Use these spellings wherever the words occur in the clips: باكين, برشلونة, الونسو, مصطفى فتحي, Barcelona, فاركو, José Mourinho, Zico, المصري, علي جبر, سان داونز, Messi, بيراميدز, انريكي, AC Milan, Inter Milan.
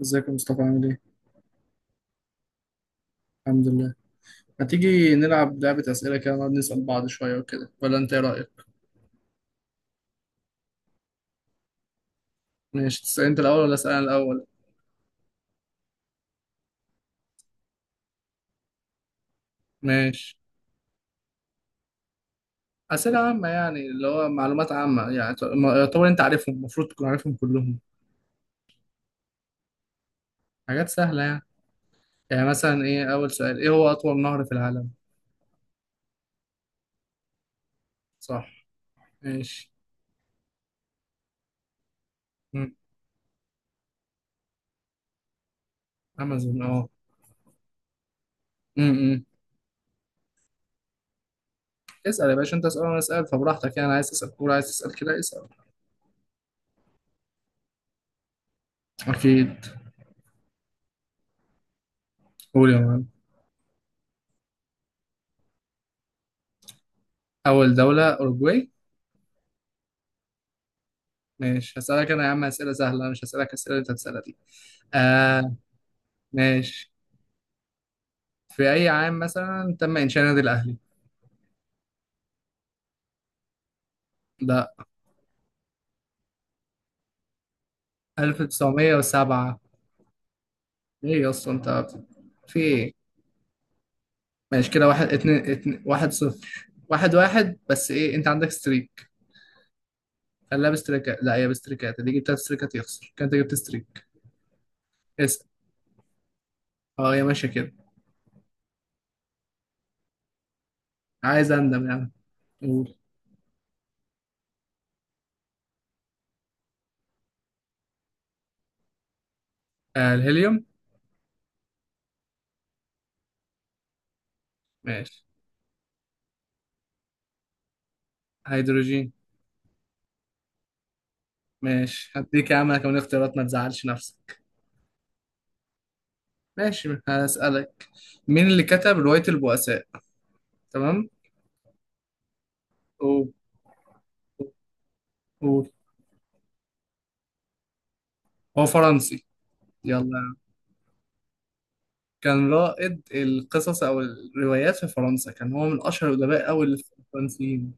ازيك يا مصطفى عامل ايه؟ الحمد لله. هتيجي نلعب لعبة أسئلة كده، نقعد نسأل بعض شوية وكده، ولا أنت إيه رأيك؟ ماشي، تسأل أنت الأول ولا أسأل أنا الأول؟ ماشي. أسئلة عامة، يعني اللي هو معلومات عامة، يعني يعتبر أنت عارفهم، المفروض تكون عارفهم كلهم. حاجات سهلة يعني. يعني مثلا إيه، أول سؤال، إيه هو أطول نهر في العالم؟ صح. ماشي. مم. أمازون أه. مم، مم. اسأل يا باشا، أنت اسأل وأنا أسأل، فبراحتك يعني، عايز تسأل كورة، عايز تسأل كده، اسأل. أكيد. قول يا معلم. أول دولة أوروجواي. ماشي، هسألك أنا يا عم أسئلة سهلة، أنا مش هسألك الأسئلة اللي أنت بتسألها دي. آه. ماشي. في أي عام مثلا تم إنشاء النادي الأهلي؟ لا. 1907. إيه أصلا أنت في إيه؟ ماشي كده، واحد اتنين, اتنين واحد صفر واحد واحد، بس إيه أنت عندك ستريك. خليها بستريكات، لا هي بستريكات، اللي جبت تلات ستريكات يخسر، كان أنت جبت ستريك. اسأل. أه هي ماشية كده. عايز أندم يعني. قول. آه الهيليوم. ماشي. هيدروجين. ماشي هديك يا عم أنا كمان اختيارات، ما تزعلش نفسك. ماشي. هسألك. مين اللي كتب رواية البؤساء؟ تمام. و... و... هو فرنسي. يلا. كان رائد القصص أو الروايات في فرنسا، كان هو من أشهر الأدباء أوي اللي في الفرنسيين.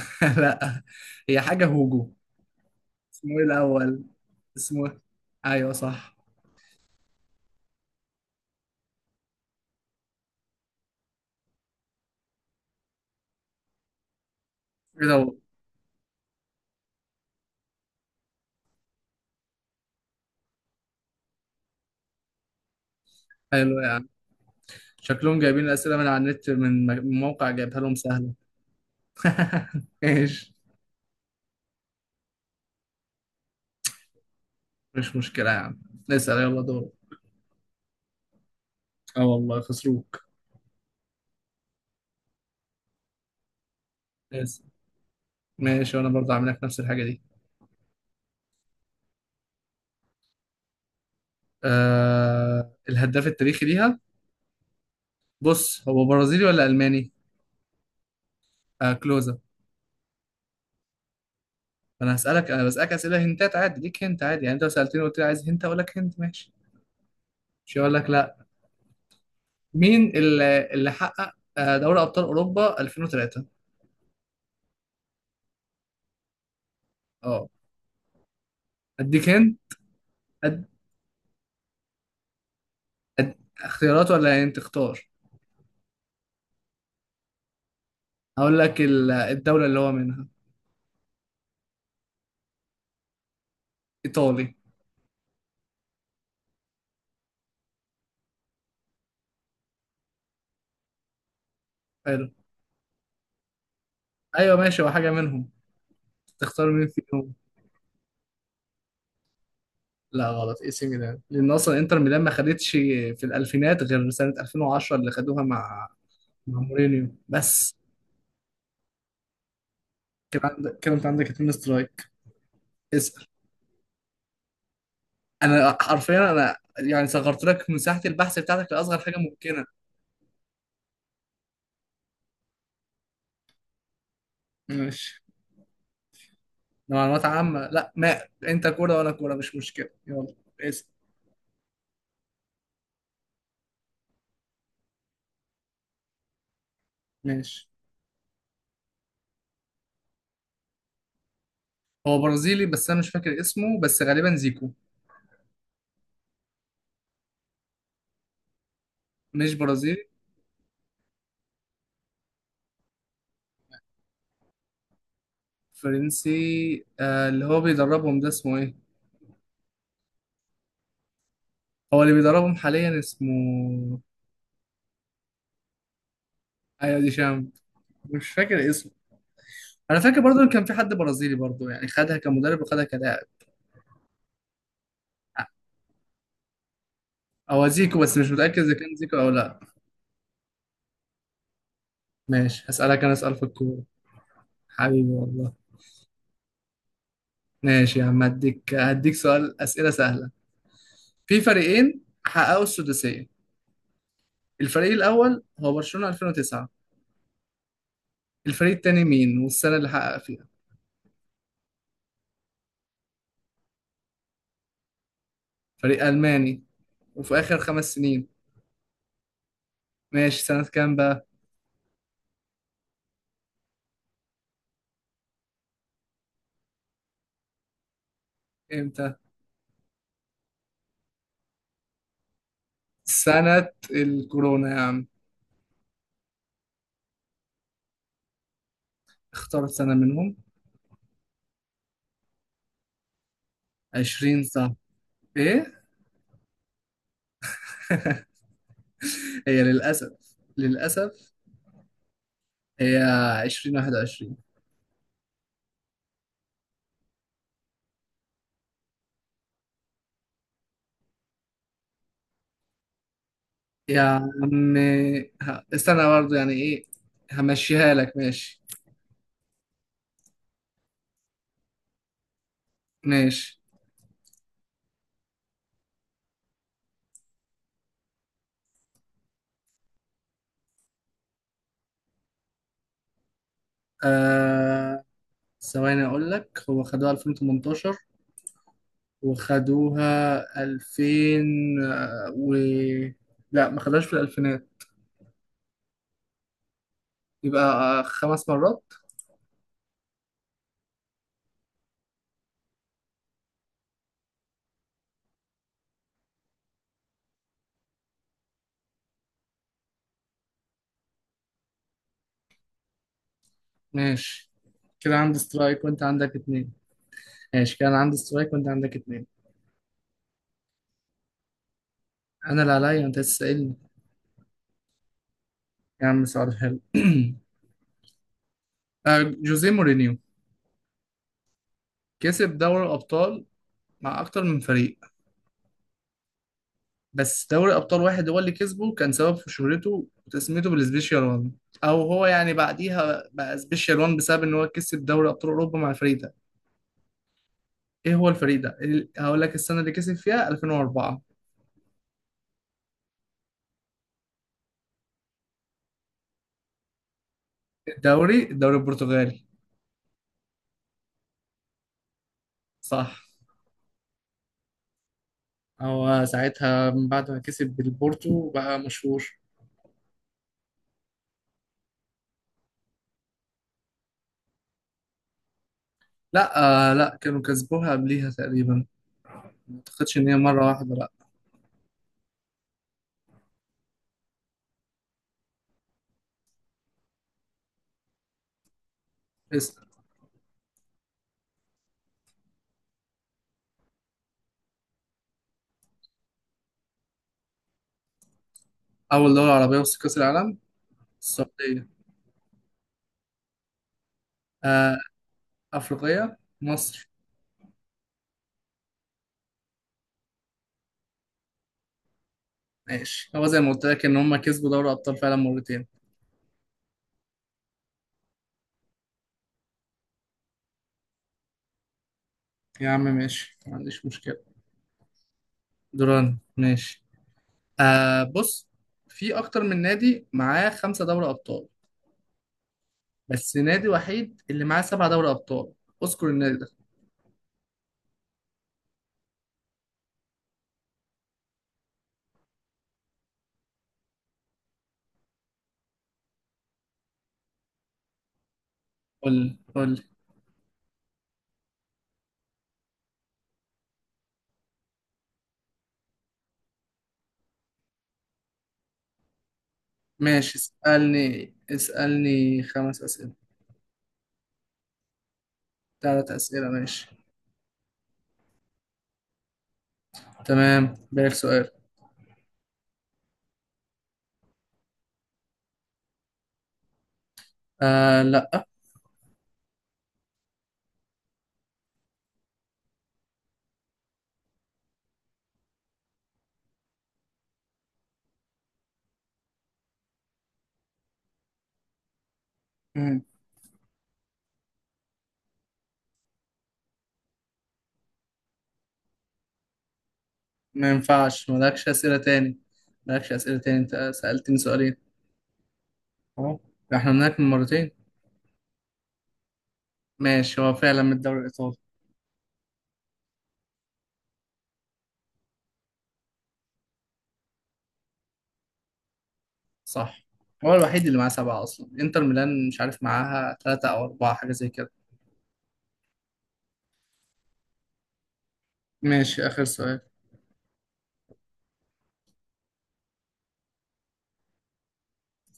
لا. هي حاجة هوجو. اسمه إيه الأول؟ اسمه إيه؟ أيوه صح. إيه ده هو؟ حلو يعني. شكلهم جايبين الأسئلة من على النت، من من موقع جايبها لهم سهلة. ايش. مش مشكلة يا عم. اسأل يلا دور. اه والله خسروك. اسأل. ماشي، وأنا برضه عامل لك نفس الحاجة دي. آه الهداف التاريخي ليها. بص، هو برازيلي ولا ألماني؟ آه كلوزا. أنا هسألك، أنا بسألك أسئلة هنتات عادي ليك، هنت عادي يعني، أنت لو سألتني وقلت لي عايز هنت أقول لك هنت ماشي. مش هقول لك لا. مين اللي حقق دوري أبطال أوروبا 2003؟ أه. أديك هنت. أد... أد... اختيارات ولا هنت تختار؟ هقول لك الدولة اللي هو منها. إيطالي. حلو. أيوه ماشي، هو حاجة منهم، تختار مين فيهم. لا غلط، اي سي ميلان، لان اصلا انتر ميلان ما خدتش في الالفينات غير سنه 2010 اللي خدوها مع، مع مورينيو بس. كان عندك، كان انت عندك 2 سترايك. اسال. انا حرفيا، انا يعني صغرت لك مساحه البحث بتاعتك لاصغر حاجه ممكنه. ماشي معلومات عامه لا ما. انت كوره وانا كوره، مش مشكله، يلا. اسال. ماشي. هو برازيلي، بس انا مش فاكر اسمه، بس غالبا زيكو. مش برازيلي. فرنسي آه، اللي هو بيدربهم ده اسمه ايه؟ هو اللي بيدربهم حاليا اسمه. ايوه دي شام. مش فاكر اسمه. انا فاكر برضو ان كان في حد برازيلي برضو، يعني خدها كمدرب وخدها كلاعب. هو زيكو، بس مش متاكد اذا كان زيكو او لا. ماشي هسالك انا سؤال في الكوره. حبيبي والله. ماشي يا عم، هديك هديك سؤال، اسئله سهله. في فريقين حققوا السداسيه، الفريق الاول هو برشلونه 2009، الفريق التاني مين والسنه اللي حقق فيها؟ فريق الماني، وفي اخر 5 سنين. ماشي، سنه كام بقى؟ امتى؟ سنه الكورونا يا عم. اختار سنه منهم. 20؟ صح. ايه؟ هي للاسف، للاسف هي 2021. يا عم استنى برضه، يعني ايه؟ همشيها لك ماشي. ماشي. آه ثواني اقول لك، هو خدوها 2018، وخدوها 2000 آه، و لا ما خدوهاش في الالفينات. يبقى 5 مرات. ماشي كده عندي سترايك وانت عندك اتنين. ماشي كده انا عندي سترايك وانت عندك اتنين. انا اللي عليا انت تسألني. يا عم سؤال حلو جوزيه مورينيو كسب دوري الأبطال مع أكتر من فريق، بس دوري أبطال واحد هو اللي كسبه كان سبب في شهرته وتسميته بالسبيشال وان، أو هو يعني بعديها بقى سبيشال وان بسبب إن هو كسب دوري أبطال أوروبا مع الفريق ده. إيه هو الفريق ده؟ هقول لك السنة اللي كسب فيها 2004. الدوري، الدوري البرتغالي. صح. هو ساعتها من بعد ما كسب بالبورتو بقى مشهور. لا. آه لا، كانوا كسبوها قبليها تقريبا. ما أعتقدش إن هي مرة واحدة لا. اسأل. أول دوري عربية وسط كأس العالم. السعودية. آه، أفريقية مصر. ماشي، هو زي ما قلت لك إن هما كسبوا دوري أبطال فعلا مرتين. يا عم ماشي، ما عنديش مشكلة. دوران ماشي. آه بص. في أكتر من نادي معاه 5 دوري أبطال، بس نادي وحيد اللي معاه 7 دوري أبطال، اذكر النادي ده. قول قول. ماشي اسألني، اسألني 5 أسئلة. 3 أسئلة ماشي. تمام بالك سؤال. آه لأ. ما ينفعش مالكش أسئلة تاني، مالكش أسئلة تاني، أنت سألتني سؤالين. اه. احنا هناك من مرتين. ماشي، هو فعلا من الدوري الإيطالي. صح، هو الوحيد اللي معاه 7، أصلا إنتر ميلان مش عارف معاها 3 أو 4، حاجة زي كده. ماشي آخر سؤال.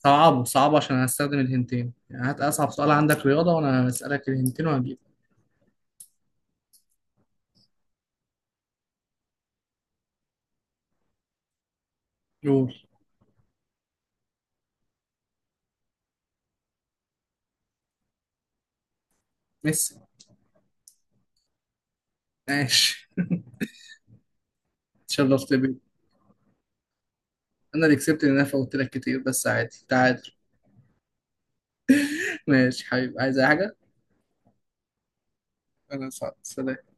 صعبه، صعبه عشان هستخدم الهنتين يعني، هات أصعب سؤال عندك رياضة وأنا هسألك الهنتين وهجيبك. قول. ميسي. ماشي. اتشرفت بيك. أنا اللي كسبت، لأن أنا فوتت لك كتير، بس عادي تعادل. ماشي حبيبي، عايز أي حاجة؟ أنا سعد سلام.